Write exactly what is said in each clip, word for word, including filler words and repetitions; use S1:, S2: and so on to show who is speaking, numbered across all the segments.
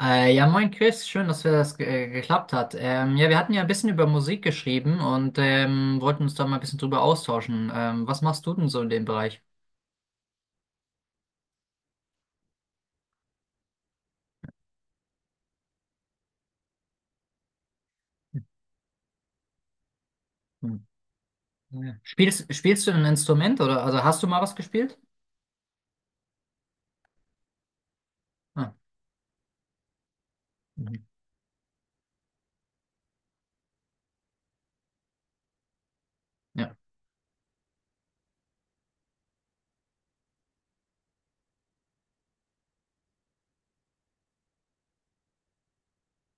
S1: Äh, ja, Moin Chris, schön, dass wir das ge äh, geklappt hat. Ähm, ja, Wir hatten ja ein bisschen über Musik geschrieben und ähm, wollten uns da mal ein bisschen drüber austauschen. Ähm, was machst du denn so in dem Bereich? Hm. Ja. Spielst, spielst du ein Instrument oder also hast du mal was gespielt? Ah, mhm, ja.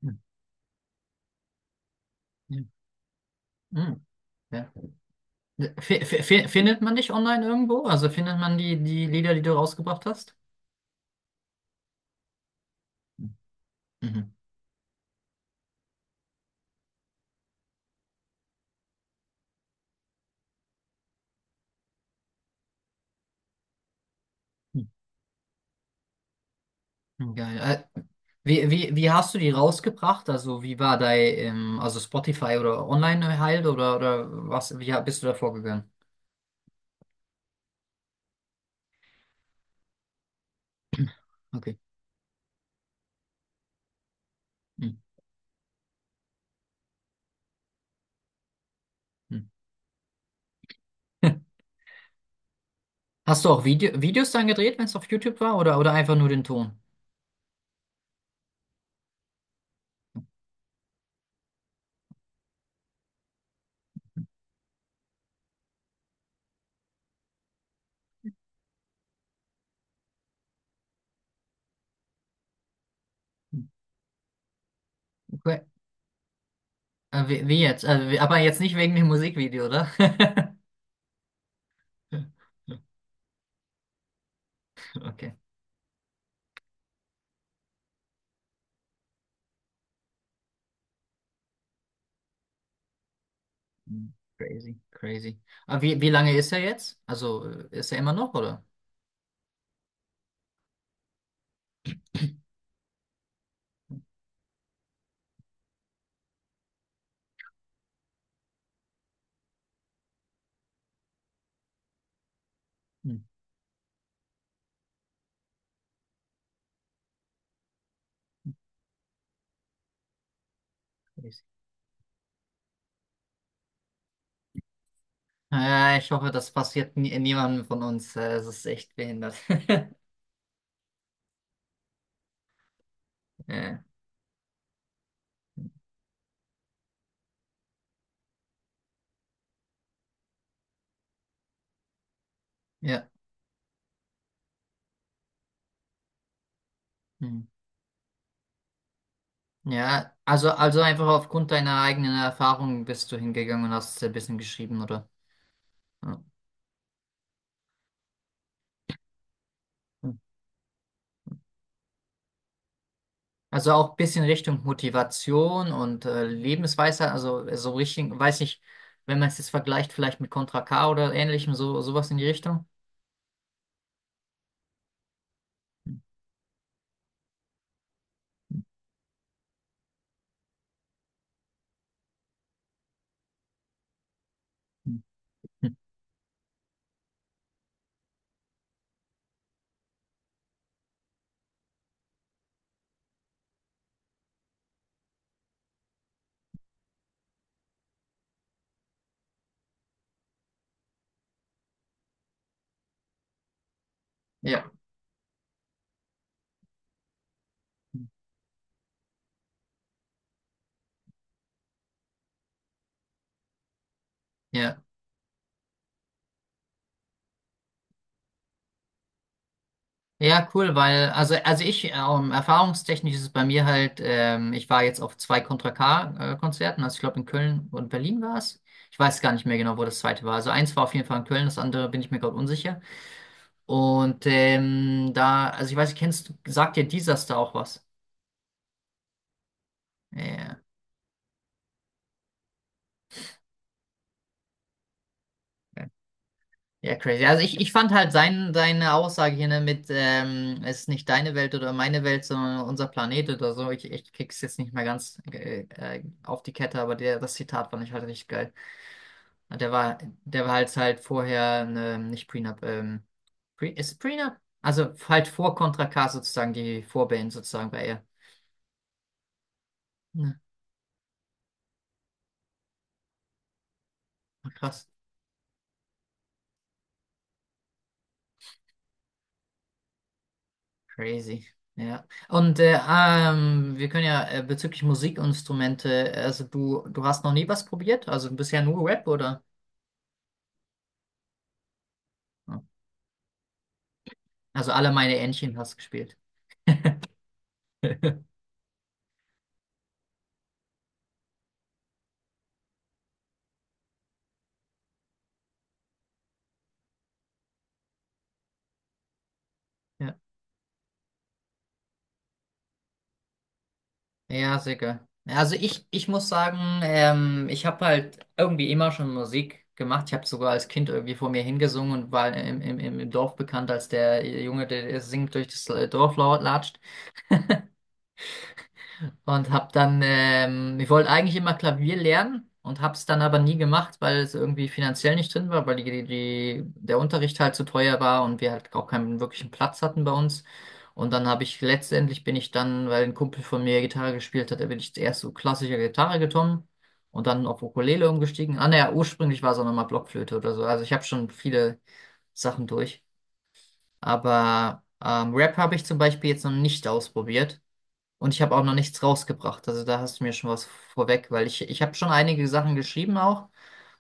S1: Hm. Ja. Hm. Ja. F f findet man dich online irgendwo? Also findet man die, die Lieder, die du rausgebracht hast? Hm. Mhm. Geil. Äh, wie, wie, Wie hast du die rausgebracht? Also wie war dein, ähm, also Spotify oder online halt oder, oder was, wie ha- bist du da vorgegangen? Okay. Hm, hm. Hast du auch Video, Videos dann gedreht, wenn es auf YouTube war, oder, oder einfach nur den Ton? Okay. Äh, wie, wie jetzt? Äh, wie- aber jetzt nicht wegen dem Musikvideo, oder? Okay. Hm, crazy, crazy. Aber wie, wie lange ist er jetzt? Also äh, ist er immer noch, oder? Hm, crazy. Ja, ich hoffe, das passiert nie, niemandem von uns. Äh, Es ist echt behindert. Ja, ja. Hm. Ja, also, also einfach aufgrund deiner eigenen Erfahrung bist du hingegangen und hast ein bisschen geschrieben, oder? Ja. Hm. Also auch ein bisschen Richtung Motivation und äh, Lebensweisheit, also äh, so Richtung, weiß ich, wenn man es jetzt vergleicht, vielleicht mit Contra K oder ähnlichem, so, sowas in die Richtung. Hm. Hm. Ja, hm, ja. Ja, cool, weil, also, also ich, ähm, erfahrungstechnisch ist es bei mir halt, ähm, ich war jetzt auf zwei Contra K-Konzerten, also ich glaube in Köln und Berlin war es. Ich weiß gar nicht mehr genau, wo das zweite war. Also eins war auf jeden Fall in Köln, das andere bin ich mir gerade unsicher. Und ähm, da, also ich weiß nicht, kennst du, sagt dir Disaster auch was? Ja, ja, crazy. Also ich, ich fand halt sein, seine Aussage hier, ne, mit, ähm, es ist nicht deine Welt oder meine Welt, sondern unser Planet oder so. Ich, ich krieg's jetzt nicht mehr ganz äh, äh, auf die Kette, aber der, das Zitat fand ich halt richtig geil. Der war, Der war halt halt vorher, ne, nicht Prenup, ähm, Pre, ist Prenup? Also halt vor Contra K sozusagen, die Vorband sozusagen bei ihr. Ne, krass, crazy. Ja. Und äh, ähm, wir können ja äh, bezüglich Musikinstrumente, also du, du hast noch nie was probiert? Also bisher nur Rap, oder? Also alle meine Entchen hast gespielt. Ja. Ja, sicher. Also ich, ich muss sagen, ähm, ich habe halt irgendwie immer schon Musik gemacht. Ich habe sogar als Kind irgendwie vor mir hingesungen und war im, im, im Dorf bekannt als der Junge, der singt durch das Dorf lau- latscht. Und hab dann, ähm, ich wollte eigentlich immer Klavier lernen und hab's dann aber nie gemacht, weil es irgendwie finanziell nicht drin war, weil die, die, der Unterricht halt zu teuer war und wir halt auch keinen wirklichen Platz hatten bei uns. Und dann habe ich letztendlich, bin ich dann, weil ein Kumpel von mir Gitarre gespielt hat, da bin ich zuerst so klassische Gitarre gekommen und dann auf Ukulele umgestiegen. Ah, naja, ursprünglich war es auch nochmal Blockflöte oder so. Also ich habe schon viele Sachen durch. Aber ähm, Rap habe ich zum Beispiel jetzt noch nicht ausprobiert. Und ich habe auch noch nichts rausgebracht. Also da hast du mir schon was vorweg, weil ich, ich habe schon einige Sachen geschrieben auch,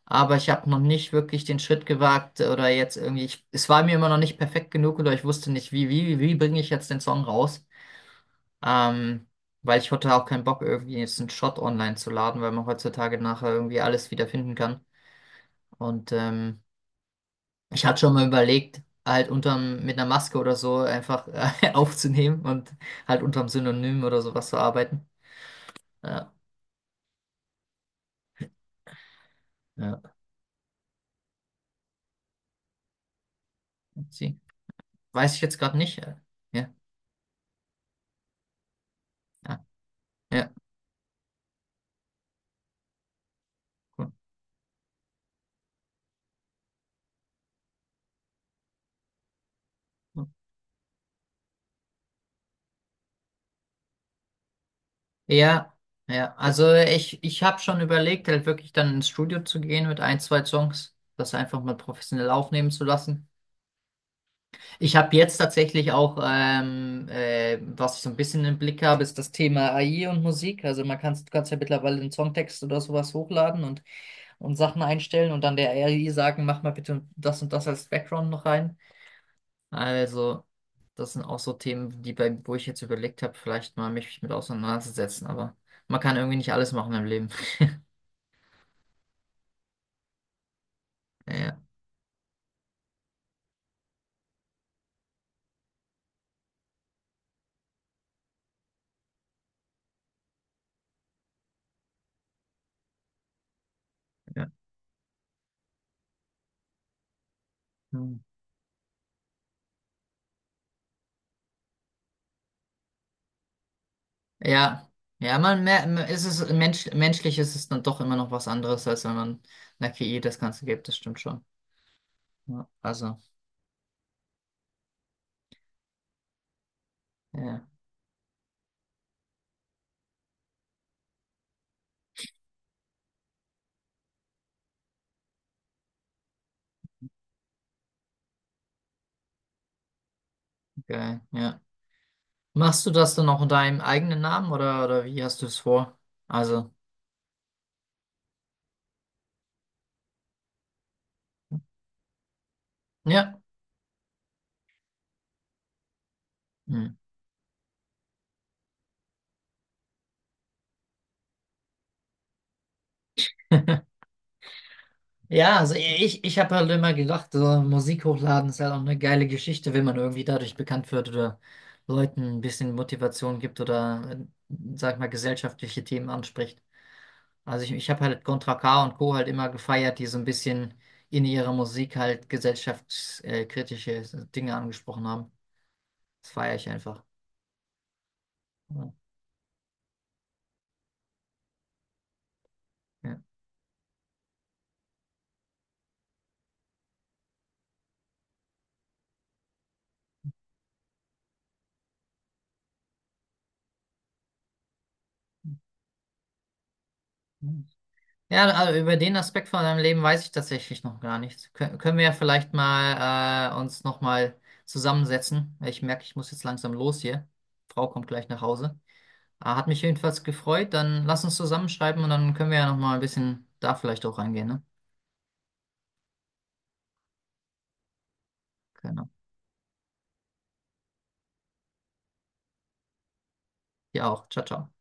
S1: aber ich habe noch nicht wirklich den Schritt gewagt oder jetzt irgendwie, ich, es war mir immer noch nicht perfekt genug oder ich wusste nicht, wie, wie, wie bringe ich jetzt den Song raus? Ähm, Weil ich hatte auch keinen Bock, irgendwie jetzt einen Shot online zu laden, weil man heutzutage nachher irgendwie alles wiederfinden kann. Und ähm, ich hatte schon mal überlegt, halt unterm, mit einer Maske oder so einfach äh, aufzunehmen und halt unterm Synonym oder sowas zu arbeiten. Ja. Ja. Sie. Weiß ich jetzt gerade nicht. äh, Ja, ja, ja, cool. Ja, ja. Also ich, ich habe schon überlegt, halt wirklich dann ins Studio zu gehen mit ein, zwei Songs, das einfach mal professionell aufnehmen zu lassen. Ich habe jetzt tatsächlich auch, ähm, äh, was ich so ein bisschen im Blick habe, ist das Thema A I und Musik. Also man kann, du kannst ja mittlerweile einen Songtext oder sowas hochladen und, und Sachen einstellen und dann der A I sagen, mach mal bitte das und das als Background noch rein. Also, das sind auch so Themen, die bei, wo ich jetzt überlegt habe, vielleicht mal mich mit auseinanderzusetzen, aber man kann irgendwie nicht alles machen im Leben. Ja, ja. Hm. Ja, ja, man mer- ist es mensch, menschlich ist es dann doch immer noch was anderes, als wenn man einer K I das Ganze gibt, das stimmt schon. Ja, also, ja, geil, ja. Machst du das dann auch in deinem eigenen Namen oder, oder wie hast du es vor? Also, ja. Hm. Ja, also e, ich, ich habe halt immer gedacht, so Musik hochladen ist halt auch eine geile Geschichte, wenn man irgendwie dadurch bekannt wird oder Leuten ein bisschen Motivation gibt oder, äh, sag ich mal, gesellschaftliche Themen anspricht. Also ich, ich habe halt Contra K und Co. halt immer gefeiert, die so ein bisschen in ihrer Musik halt gesellschaftskritische äh, Dinge angesprochen haben. Das feiere ich einfach. Ja. Ja. Ja, also über den Aspekt von deinem Leben weiß ich tatsächlich noch gar nichts. Kö- können wir ja vielleicht mal äh, uns nochmal zusammensetzen. Ich merke, ich muss jetzt langsam los hier. Frau kommt gleich nach Hause. Äh, hat mich jedenfalls gefreut. Dann lass uns zusammenschreiben und dann können wir ja nochmal ein bisschen da vielleicht auch reingehen, ne? Genau. Ja auch. Ciao, ciao.